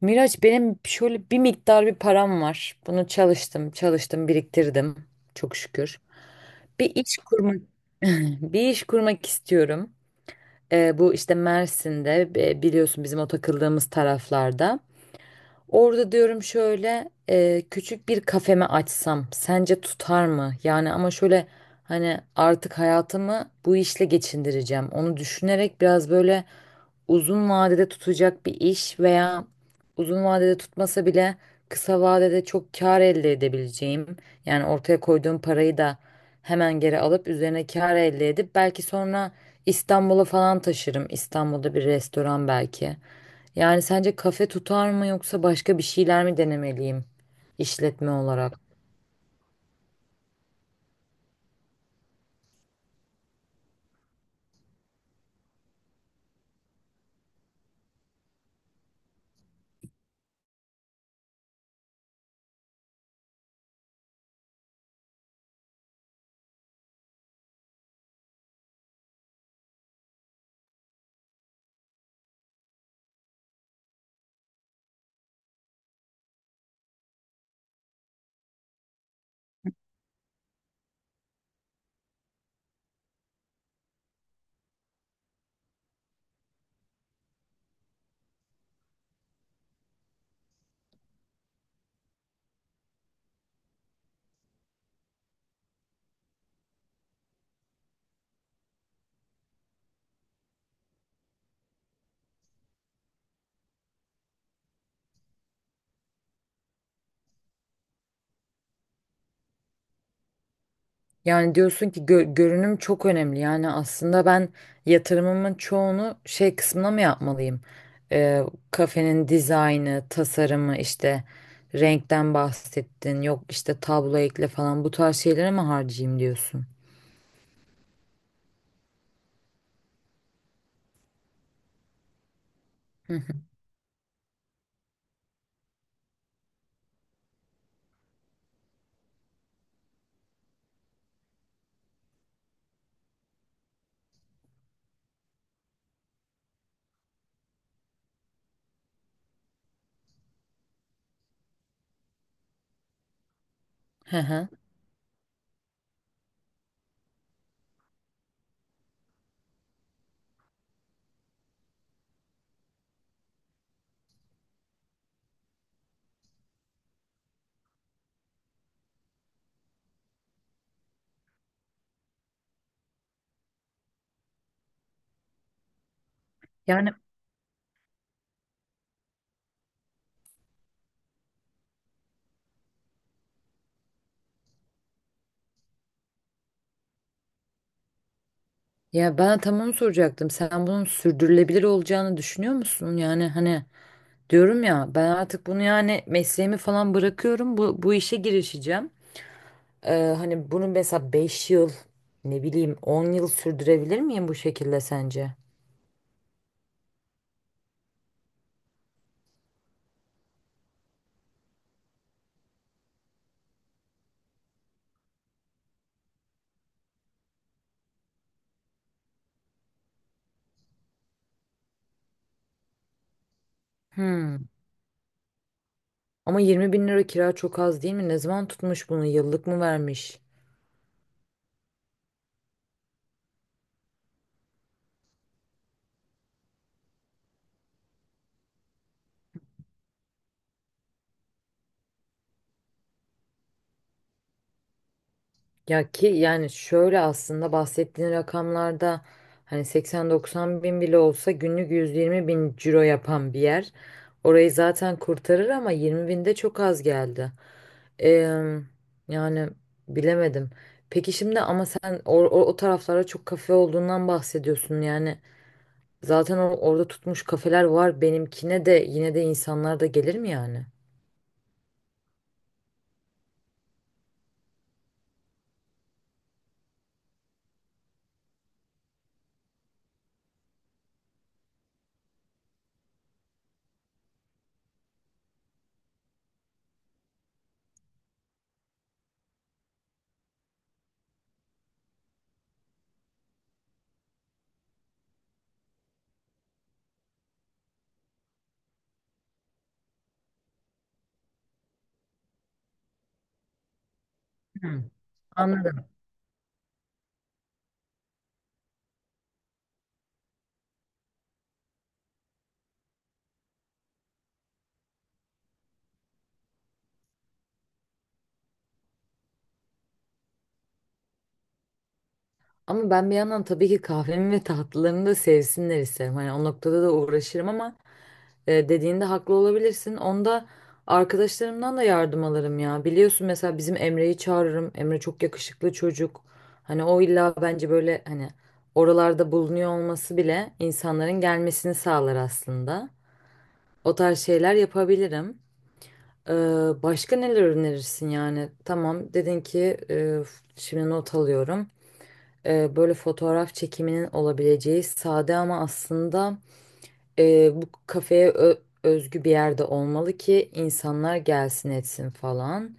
Miraç benim şöyle bir miktar bir param var. Bunu çalıştım, çalıştım, biriktirdim. Çok şükür. Bir iş kurmak bir iş kurmak istiyorum. Bu işte Mersin'de biliyorsun bizim o takıldığımız taraflarda. Orada diyorum şöyle küçük bir kafeme açsam sence tutar mı? Yani ama şöyle hani artık hayatımı bu işle geçindireceğim. Onu düşünerek biraz böyle uzun vadede tutacak bir iş veya uzun vadede tutmasa bile kısa vadede çok kar elde edebileceğim. Yani ortaya koyduğum parayı da hemen geri alıp üzerine kar elde edip belki sonra İstanbul'a falan taşırım. İstanbul'da bir restoran belki. Yani sence kafe tutar mı yoksa başka bir şeyler mi denemeliyim işletme olarak? Yani diyorsun ki görünüm çok önemli. Yani aslında ben yatırımımın çoğunu şey kısmına mı yapmalıyım? Ee, kafenin dizaynı, tasarımı, işte renkten bahsettin. Yok işte tablo ekle falan, bu tarz şeylere mi harcayayım diyorsun? Hı hı. Hı hı. Yani ya ben tam onu soracaktım. Sen bunun sürdürülebilir olacağını düşünüyor musun? Yani hani, diyorum ya, ben artık bunu, yani mesleğimi falan bırakıyorum, bu işe girişeceğim. Hani bunu mesela 5 yıl, ne bileyim 10 yıl sürdürebilir miyim bu şekilde sence? Hmm. Ama 20 bin lira kira çok az değil mi? Ne zaman tutmuş bunu? Yıllık mı vermiş? Ya ki yani şöyle, aslında bahsettiğin rakamlarda hani 80-90 bin bile olsa günlük 120 bin ciro yapan bir yer. Orayı zaten kurtarır, ama 20 bin de çok az geldi. Eee, yani bilemedim. Peki şimdi ama sen o taraflara çok kafe olduğundan bahsediyorsun yani. Zaten orada tutmuş kafeler var, benimkine de yine de insanlar da gelir mi yani? Hı. Anladım. Ama ben bir yandan tabii ki kahvemi ve tatlılarını da sevsinler isterim. Hani o noktada da uğraşırım, ama dediğinde haklı olabilirsin. Onda arkadaşlarımdan da yardım alırım ya. Biliyorsun, mesela bizim Emre'yi çağırırım. Emre çok yakışıklı çocuk. Hani o illa bence böyle hani oralarda bulunuyor olması bile insanların gelmesini sağlar aslında. O tarz şeyler yapabilirim. Ee, başka neler önerirsin yani? Tamam, dedin ki şimdi not alıyorum, böyle fotoğraf çekiminin olabileceği sade, ama aslında bu kafeye özgü bir yerde olmalı ki insanlar gelsin etsin falan.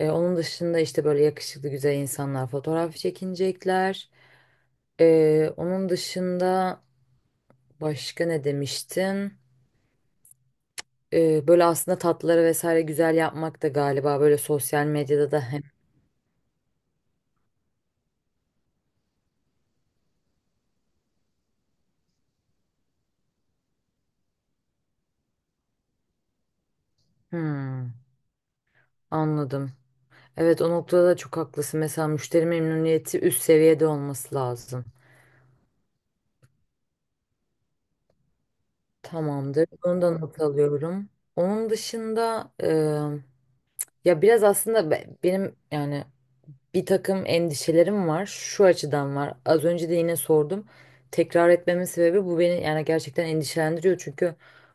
Onun dışında işte böyle yakışıklı güzel insanlar fotoğraf çekinecekler. Onun dışında başka ne demiştin? Böyle aslında tatlıları vesaire güzel yapmak da galiba böyle sosyal medyada da hem... Hmm, anladım. Evet, o noktada da çok haklısın. Mesela müşteri memnuniyeti üst seviyede olması lazım. Tamamdır. Bunu da not alıyorum. Onun dışında ya biraz aslında benim yani bir takım endişelerim var. Şu açıdan var. Az önce de yine sordum. Tekrar etmemin sebebi bu, beni yani gerçekten endişelendiriyor. Çünkü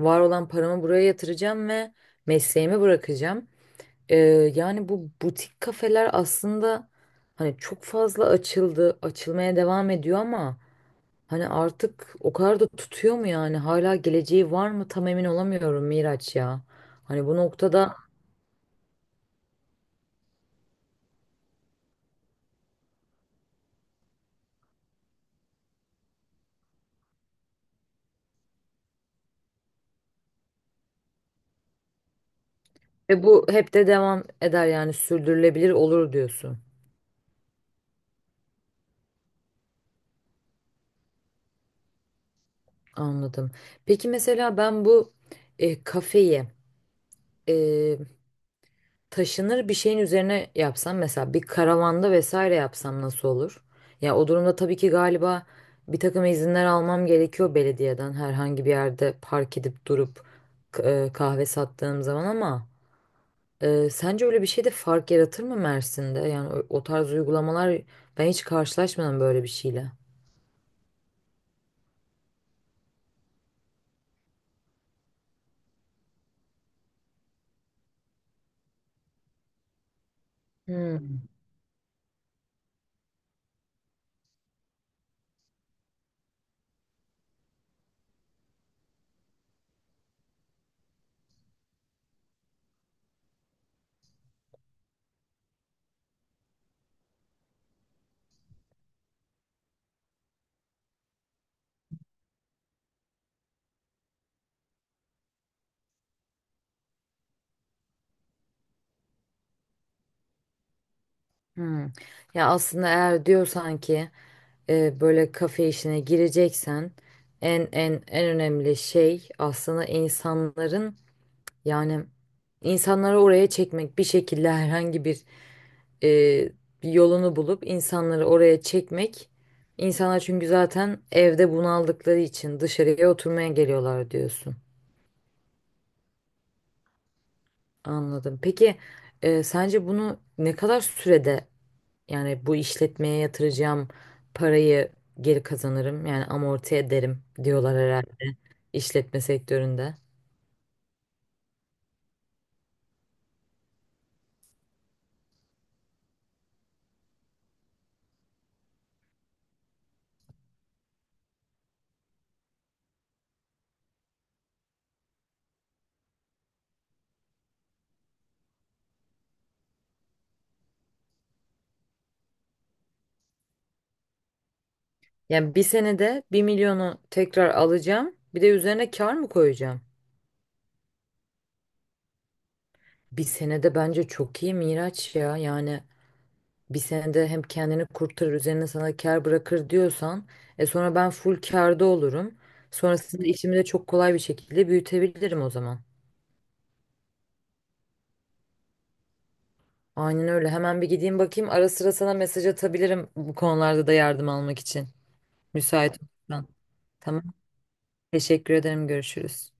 var olan paramı buraya yatıracağım ve mesleğimi bırakacağım. E, yani bu butik kafeler aslında, hani çok fazla açıldı, açılmaya devam ediyor ama, hani artık o kadar da tutuyor mu yani? Hala geleceği var mı? Tam emin olamıyorum Miraç ya. Hani bu noktada ve bu hep de devam eder yani, sürdürülebilir olur diyorsun. Anladım. Peki mesela ben bu kafeyi e, taşınır bir şeyin üzerine yapsam, mesela bir karavanda vesaire yapsam nasıl olur? Ya o durumda tabii ki galiba bir takım izinler almam gerekiyor belediyeden, herhangi bir yerde park edip durup kahve sattığım zaman, ama sence öyle bir şey de fark yaratır mı Mersin'de? Yani o, o tarz uygulamalar, ben hiç karşılaşmadım böyle bir şeyle. Hmm, hmm. Ya aslında eğer diyorsan ki böyle kafe işine gireceksen, en en en önemli şey aslında insanların, yani insanları oraya çekmek, bir şekilde herhangi bir e, bir yolunu bulup insanları oraya çekmek. İnsanlar çünkü zaten evde bunaldıkları için dışarıya oturmaya geliyorlar diyorsun. Anladım. Peki sence bunu ne kadar sürede, yani bu işletmeye yatıracağım parayı geri kazanırım, yani amorti ederim diyorlar herhalde işletme sektöründe. Yani bir senede 1 milyonu tekrar alacağım, bir de üzerine kar mı koyacağım? Bir senede bence çok iyi Miraç ya, yani bir senede hem kendini kurtarır, üzerine sana kar bırakır diyorsan, sonra ben full karda olurum. Sonrasında işimi de çok kolay bir şekilde büyütebilirim o zaman. Aynen öyle. Hemen bir gideyim bakayım. Ara sıra sana mesaj atabilirim bu konularda da yardım almak için. Müsait olursan. Tamam. Teşekkür ederim. Görüşürüz.